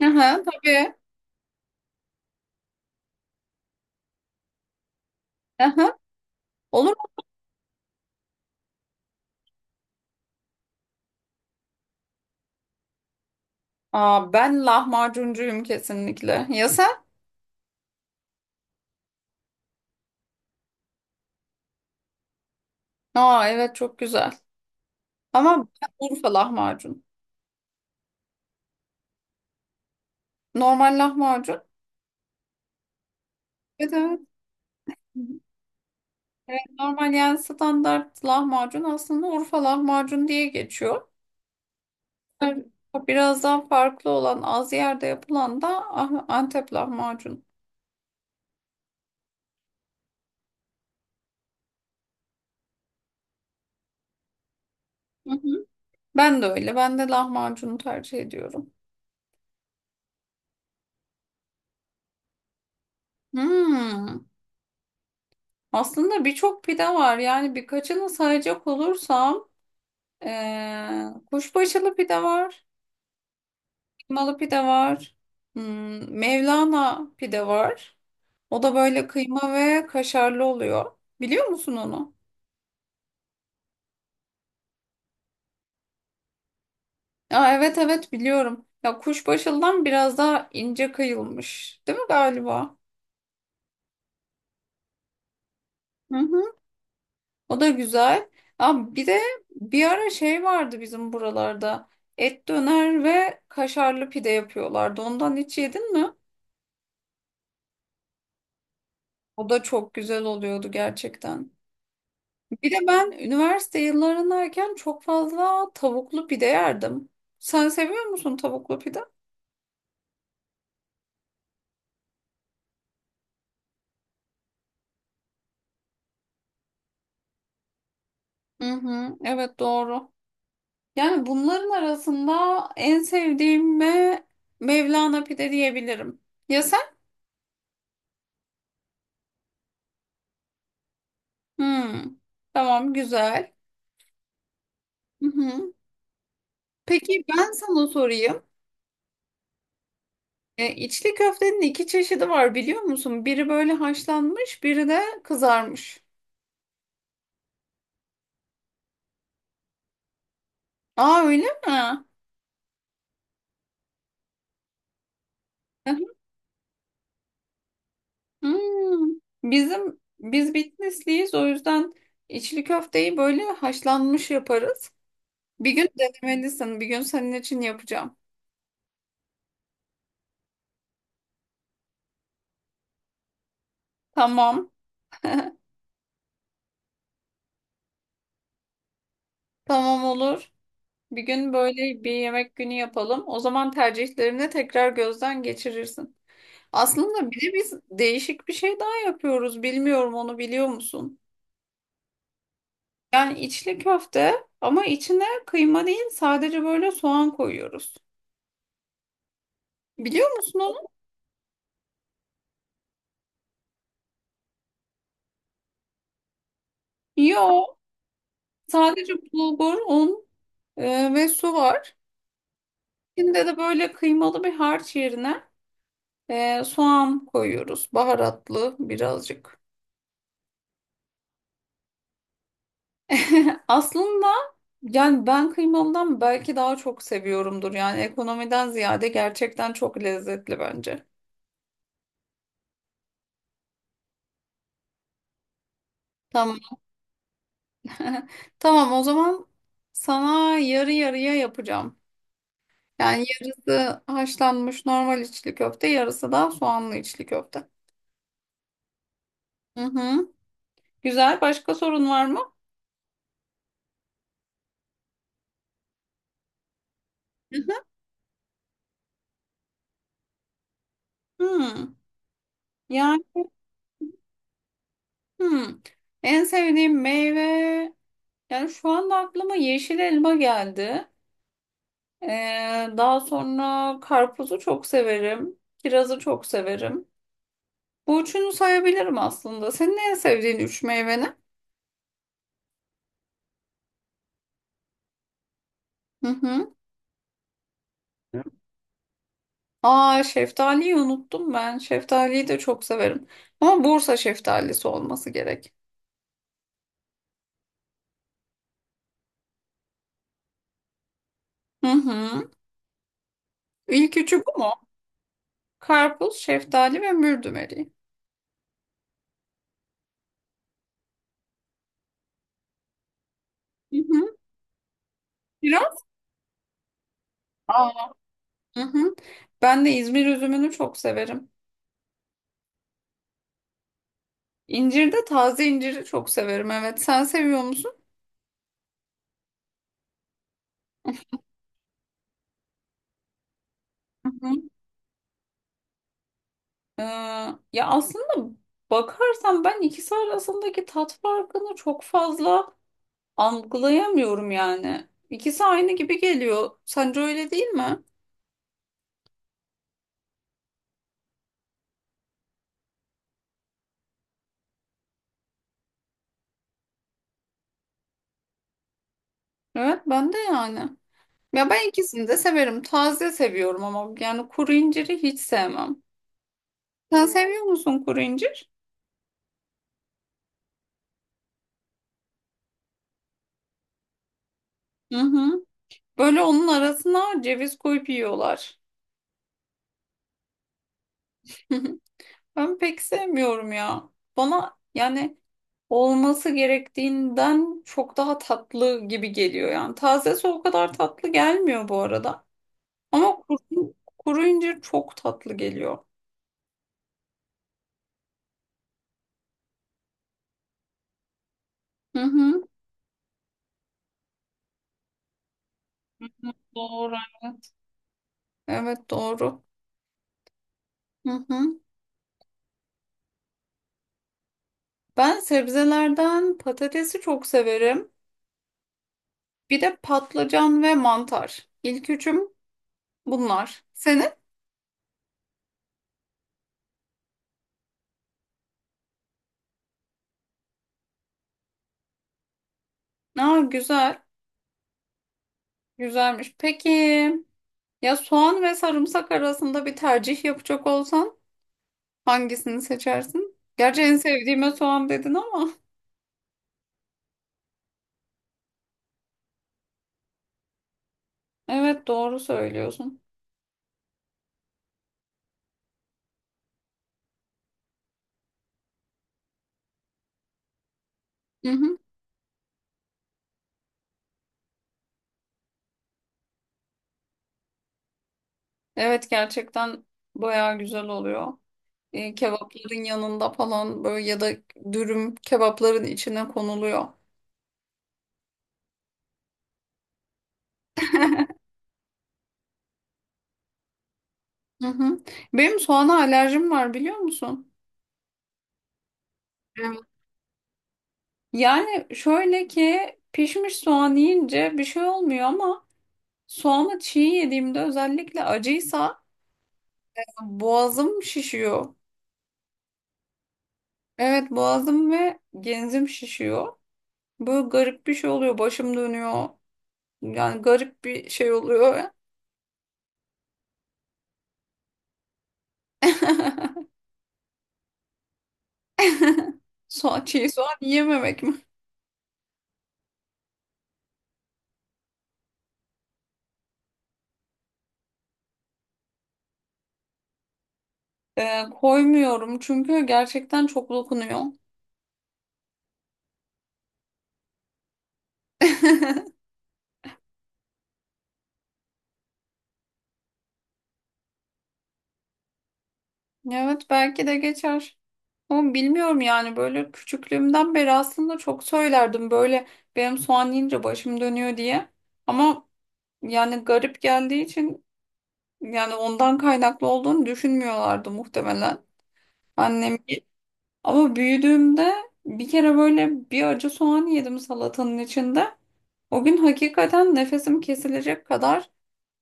Aha, tabii. Aha. Olur mu? Aa, ben lahmacuncuyum kesinlikle. Ya sen? Aa, evet çok güzel. Ama ben Urfa lahmacun. Normal lahmacun. Evet, evet. Evet, normal yani standart lahmacun aslında Urfa lahmacun diye geçiyor. Evet, biraz daha farklı olan az yerde yapılan da Antep lahmacun. Hı hı. Ben de öyle. Ben de lahmacunu tercih ediyorum. Hmm. Aslında birçok pide var. Yani birkaçını sayacak olursam kuşbaşılı pide var. Kıymalı pide var. Mevlana pide var. O da böyle kıyma ve kaşarlı oluyor. Biliyor musun onu? Aa, evet, evet biliyorum. Ya kuşbaşılıdan biraz daha ince kıyılmış. Değil mi galiba? Hı hı. O da güzel. Aa, bir de bir ara şey vardı bizim buralarda. Et döner ve kaşarlı pide yapıyorlardı. Ondan hiç yedin mi? O da çok güzel oluyordu gerçekten. Bir de ben üniversite yıllarındayken çok fazla tavuklu pide yerdim. Sen seviyor musun tavuklu pide? Hı hı, evet doğru. Yani bunların arasında en sevdiğime Mevlana pide diyebilirim. Ya sen? Hmm, tamam güzel. Hı hı. Peki ben sana sorayım. İçli köftenin iki çeşidi var biliyor musun? Biri böyle haşlanmış, biri de kızarmış. Aa, öyle mi? Hmm, biz Bitlisliyiz, o yüzden içli köfteyi böyle haşlanmış yaparız. Bir gün denemelisin. Bir gün senin için yapacağım. Tamam. Tamam olur. Bir gün böyle bir yemek günü yapalım. O zaman tercihlerini tekrar gözden geçirirsin. Aslında bir de biz değişik bir şey daha yapıyoruz. Bilmiyorum, onu biliyor musun? Yani içli köfte ama içine kıyma değil, sadece böyle soğan koyuyoruz. Biliyor musun onu? Yo. Sadece bulgur, un ve su var. İçinde de böyle kıymalı bir harç yerine soğan koyuyoruz. Baharatlı birazcık. Aslında yani ben kıymalıdan belki daha çok seviyorumdur. Yani ekonomiden ziyade gerçekten çok lezzetli bence. Tamam. Tamam, o zaman sana yarı yarıya yapacağım. Yani yarısı haşlanmış normal içli köfte, yarısı da soğanlı içli köfte. Hı hı. Güzel. Başka sorun var mı? Hmm, yani hmm. En sevdiğim meyve yani şu anda aklıma yeşil elma geldi. Ee, daha sonra karpuzu çok severim. Kirazı çok severim. Bu üçünü sayabilirim aslında. Senin en sevdiğin üç meyve ne? Hı hı. Hı? Aa, şeftaliyi unuttum ben. Şeftaliyi de çok severim. Ama Bursa şeftalisi olması gerek. Hı hı. İlk üçü bu mu? Karpuz, şeftali ve mürdümeri. Hı hı. Kiraz? Hı hı. Ben de İzmir üzümünü çok severim. İncir de, taze inciri çok severim. Evet, sen seviyor musun? Hı hı. Ee, ya aslında bakarsan ben ikisi arasındaki tat farkını çok fazla algılayamıyorum yani. İkisi aynı gibi geliyor. Sence öyle değil mi? Evet, ben de yani. Ya ben ikisini de severim. Taze seviyorum ama yani kuru inciri hiç sevmem. Sen seviyor musun kuru incir? Hı hı. Böyle onun arasına ceviz koyup yiyorlar. Ben pek sevmiyorum ya. Bana yani olması gerektiğinden çok daha tatlı gibi geliyor yani. Tazesi o kadar tatlı gelmiyor bu arada. Ama kuru incir çok tatlı geliyor. Hı hı. Doğru. Evet. Evet, doğru. Hı hı. Ben sebzelerden patatesi çok severim. Bir de patlıcan ve mantar. İlk üçüm bunlar. Senin? Aa, güzel. Güzelmiş. Peki. Ya soğan ve sarımsak arasında bir tercih yapacak olsan hangisini seçersin? Gerçi en sevdiğime soğan dedin ama. Evet, doğru söylüyorsun. Hı hı. Evet, gerçekten bayağı güzel oluyor. Kebapların yanında falan, böyle ya da dürüm kebapların içine konuluyor. Hı hı. Benim soğana alerjim var, biliyor musun? Evet. Yani şöyle ki pişmiş soğan yiyince bir şey olmuyor ama soğanı çiğ yediğimde, özellikle acıysa, boğazım şişiyor. Evet, boğazım ve genzim şişiyor. Böyle garip bir şey oluyor. Başım dönüyor. Yani garip bir şey oluyor. Çiğ soğan yememek mi? Koymuyorum çünkü gerçekten çok dokunuyor. Evet, belki de geçer. Ama bilmiyorum yani, böyle küçüklüğümden beri aslında çok söylerdim böyle, benim soğan yiyince başım dönüyor diye. Ama yani garip geldiği için, yani ondan kaynaklı olduğunu düşünmüyorlardı muhtemelen annem. Ama büyüdüğümde bir kere böyle bir acı soğan yedim salatanın içinde. O gün hakikaten nefesim kesilecek kadar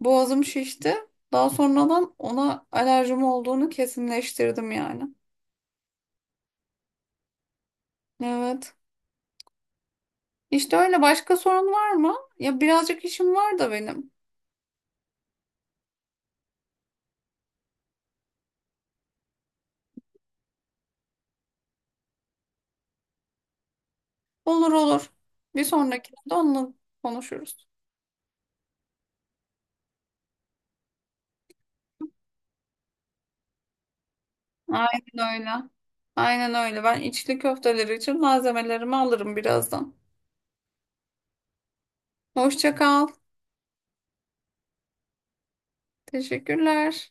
boğazım şişti. Daha sonradan ona alerjim olduğunu kesinleştirdim yani. Evet. İşte öyle, başka sorun var mı? Ya birazcık işim var da benim. Olur, olur. Bir sonrakinde onunla konuşuruz. Aynen öyle. Aynen öyle. Ben içli köfteleri için malzemelerimi alırım birazdan. Hoşça kal. Teşekkürler.